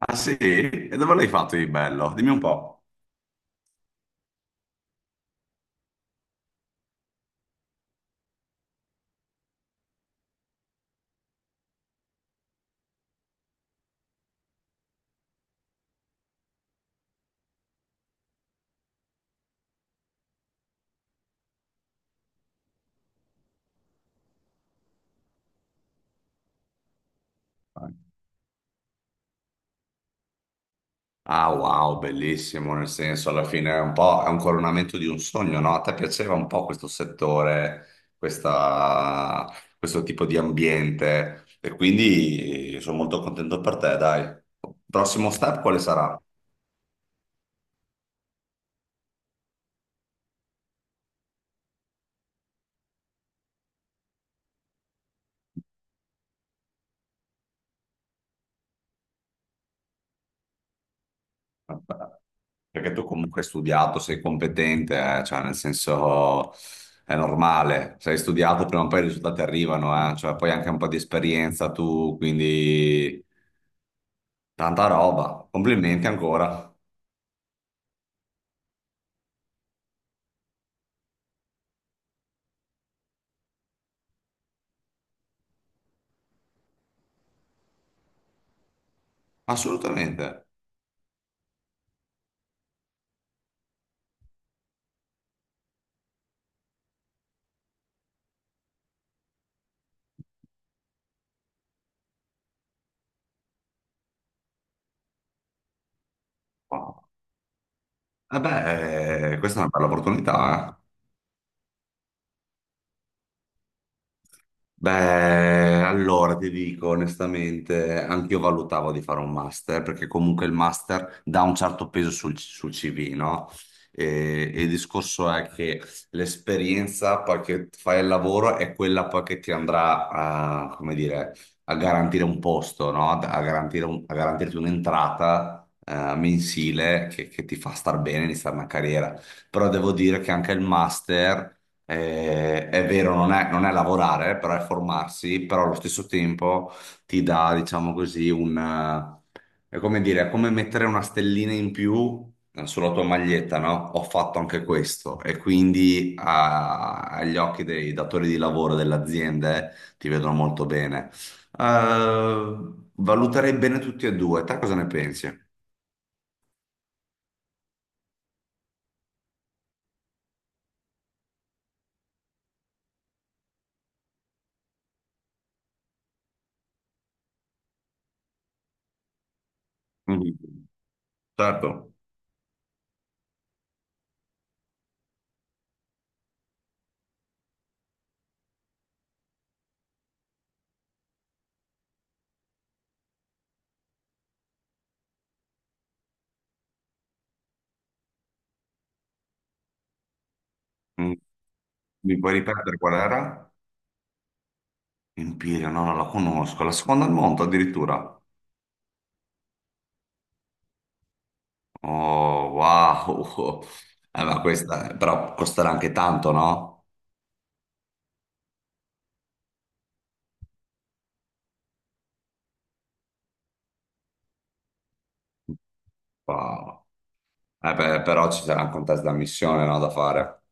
Ah sì? E dove l'hai fatto di bello? Dimmi un po'. Ah wow, bellissimo, nel senso alla fine è un coronamento di un sogno, no? A te piaceva un po' questo settore, questa- questo tipo di ambiente e quindi sono molto contento per te, dai. Prossimo step quale sarà? Perché tu comunque hai studiato, sei competente, cioè nel senso è normale, se hai studiato prima o poi i risultati arrivano, cioè poi anche un po' di esperienza tu, quindi tanta roba, complimenti ancora, assolutamente. Vabbè, questa è una bella opportunità, eh. Beh, allora ti dico onestamente, anch'io valutavo di fare un master, perché comunque il master dà un certo peso sul CV, no? E il discorso è che l'esperienza poi che fai il lavoro è quella poi che ti andrà a, come dire, a garantire un posto, no? A garantire a garantirti un'entrata, mensile che ti fa star bene, iniziare una carriera. Però devo dire che anche il master, è vero, non è lavorare, però è formarsi, però allo stesso tempo ti dà, diciamo così, è come dire, è come mettere una stellina in più, sulla tua maglietta, no? Ho fatto anche questo e quindi agli occhi dei datori di lavoro delle aziende ti vedono molto bene. Eh, Valuterei bene tutti e due, te cosa ne pensi? Mhm. Certo. Mm. Mi puoi ripetere qual era? Empirio, no, non la conosco. La seconda al mondo addirittura. Oh, wow. Ma questa però costerà anche tanto, no? Wow. Beh, però ci sarà anche un test d'ammissione, no, da fare.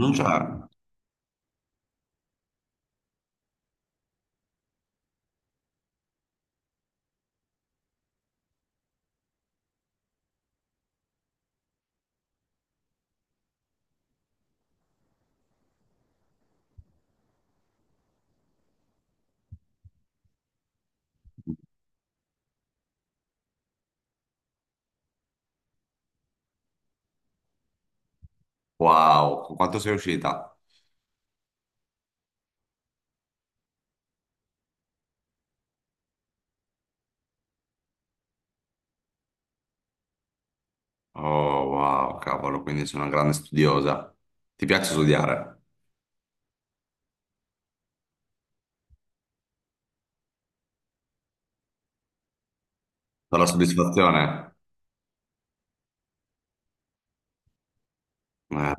Non c'è. Wow, con quanto sei uscita? Oh, wow, cavolo, quindi sei una grande studiosa. Ti piace studiare? Per la soddisfazione? Eh.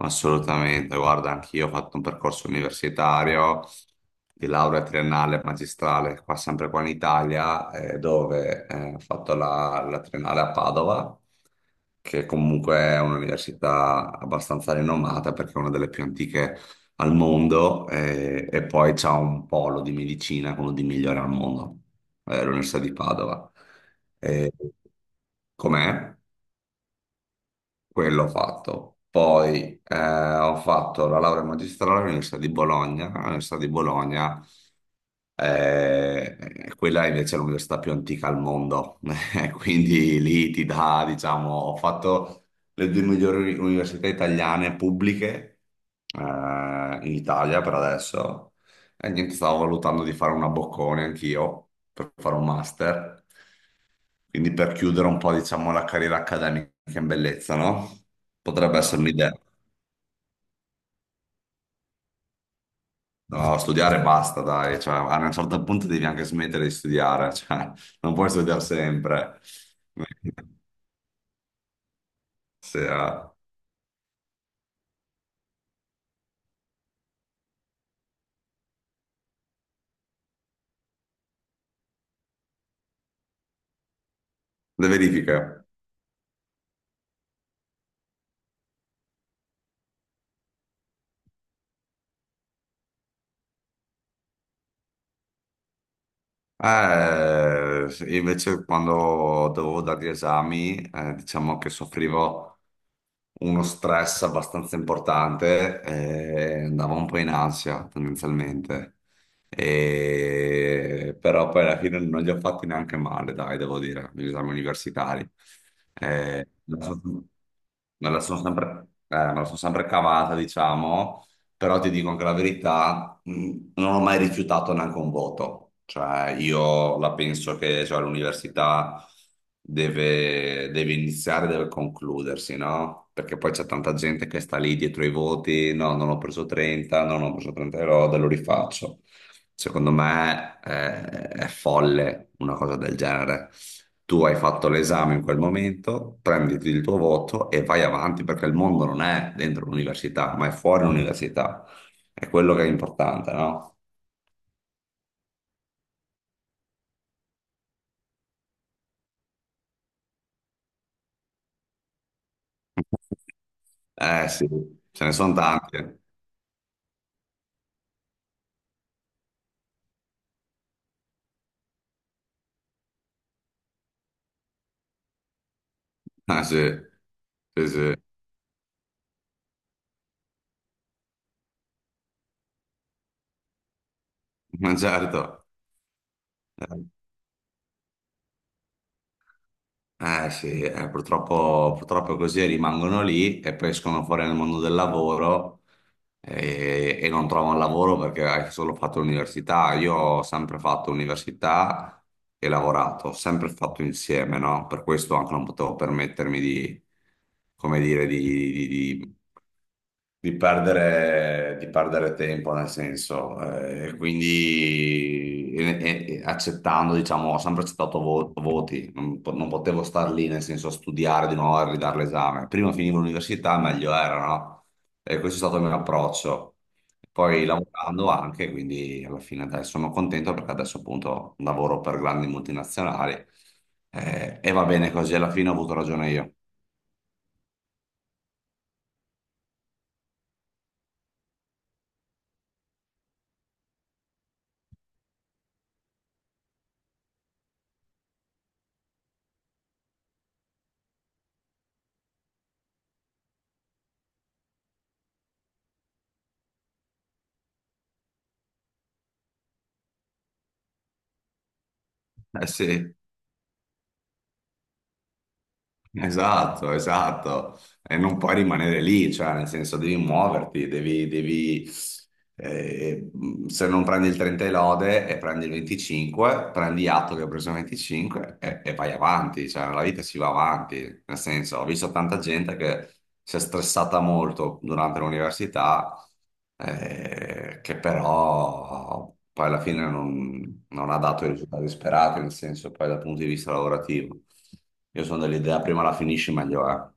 Assolutamente, guarda, anch'io ho fatto un percorso universitario di laurea triennale e magistrale, qua sempre qua in Italia, dove ho fatto la triennale a Padova, che comunque è un'università abbastanza rinomata perché è una delle più antiche al mondo, e poi c'è un polo di medicina, quello di migliore al mondo, l'Università di Padova. Eh, Com'è? Quello ho fatto. Poi ho fatto la laurea magistrale all'Università di Bologna. All'Università di Bologna eh, quella è invece è l'università più antica al mondo, quindi lì ti dà, diciamo, ho fatto le due migliori università italiane pubbliche, in Italia per adesso e niente, stavo valutando di fare una boccone anch'io per fare un master, quindi per chiudere un po', diciamo, la carriera accademica in bellezza, no? Potrebbe essere un'idea. No, studiare basta, dai, cioè, a un certo punto devi anche smettere di studiare, cioè, non puoi studiare sempre. Se, le verifiche. Eh, Invece quando dovevo dare gli esami, diciamo che soffrivo uno stress abbastanza importante e andavo un po' in ansia tendenzialmente. Però poi alla fine non li ho fatti neanche male, dai, devo dire, gli esami universitari. Eh, me la sono me la sono sempre cavata, diciamo però ti dico anche la verità, non ho mai rifiutato neanche un voto, cioè io la penso che cioè, l'università deve iniziare, deve concludersi, no? Perché poi c'è tanta gente che sta lì dietro i voti, no, non ho preso 30, no, non ho preso 30 euro, lo rifaccio. Secondo me è folle una cosa del genere. Tu hai fatto l'esame in quel momento, prenditi il tuo voto e vai avanti perché il mondo non è dentro l'università, ma è fuori l'università. È quello che è importante, no? Eh sì, ce ne sono tanti. Ah sì, sì, sì, ma certo. Eh. Eh sì, purtroppo, purtroppo così rimangono lì e poi escono fuori nel mondo del lavoro e non trovano lavoro perché hai solo fatto l'università. Io ho sempre fatto università e lavorato, ho sempre fatto insieme, no? Per questo anche non potevo permettermi come dire, di- di- di perdere tempo, nel senso, quindi e accettando, diciamo, ho sempre accettato voti, non potevo star lì, nel senso, a studiare di nuovo e ridare l'esame. Prima finivo l'università, meglio era, no? E questo è stato il mio approccio. Poi lavorando anche, quindi alla fine adesso sono contento perché adesso appunto lavoro per grandi multinazionali, e va bene così, alla fine ho avuto ragione io. Eh sì, esatto, esatto. E non puoi rimanere lì, cioè nel senso devi muoverti, devi, eh, se non prendi il 30 e lode e prendi il 25, prendi atto che hai preso il 25 e vai avanti, cioè la vita si va avanti, nel senso ho visto tanta gente che si è stressata molto durante l'università, che però poi alla fine non ha dato i risultati sperati, nel senso poi dal punto di vista lavorativo. Io sono dell'idea prima la finisci meglio è.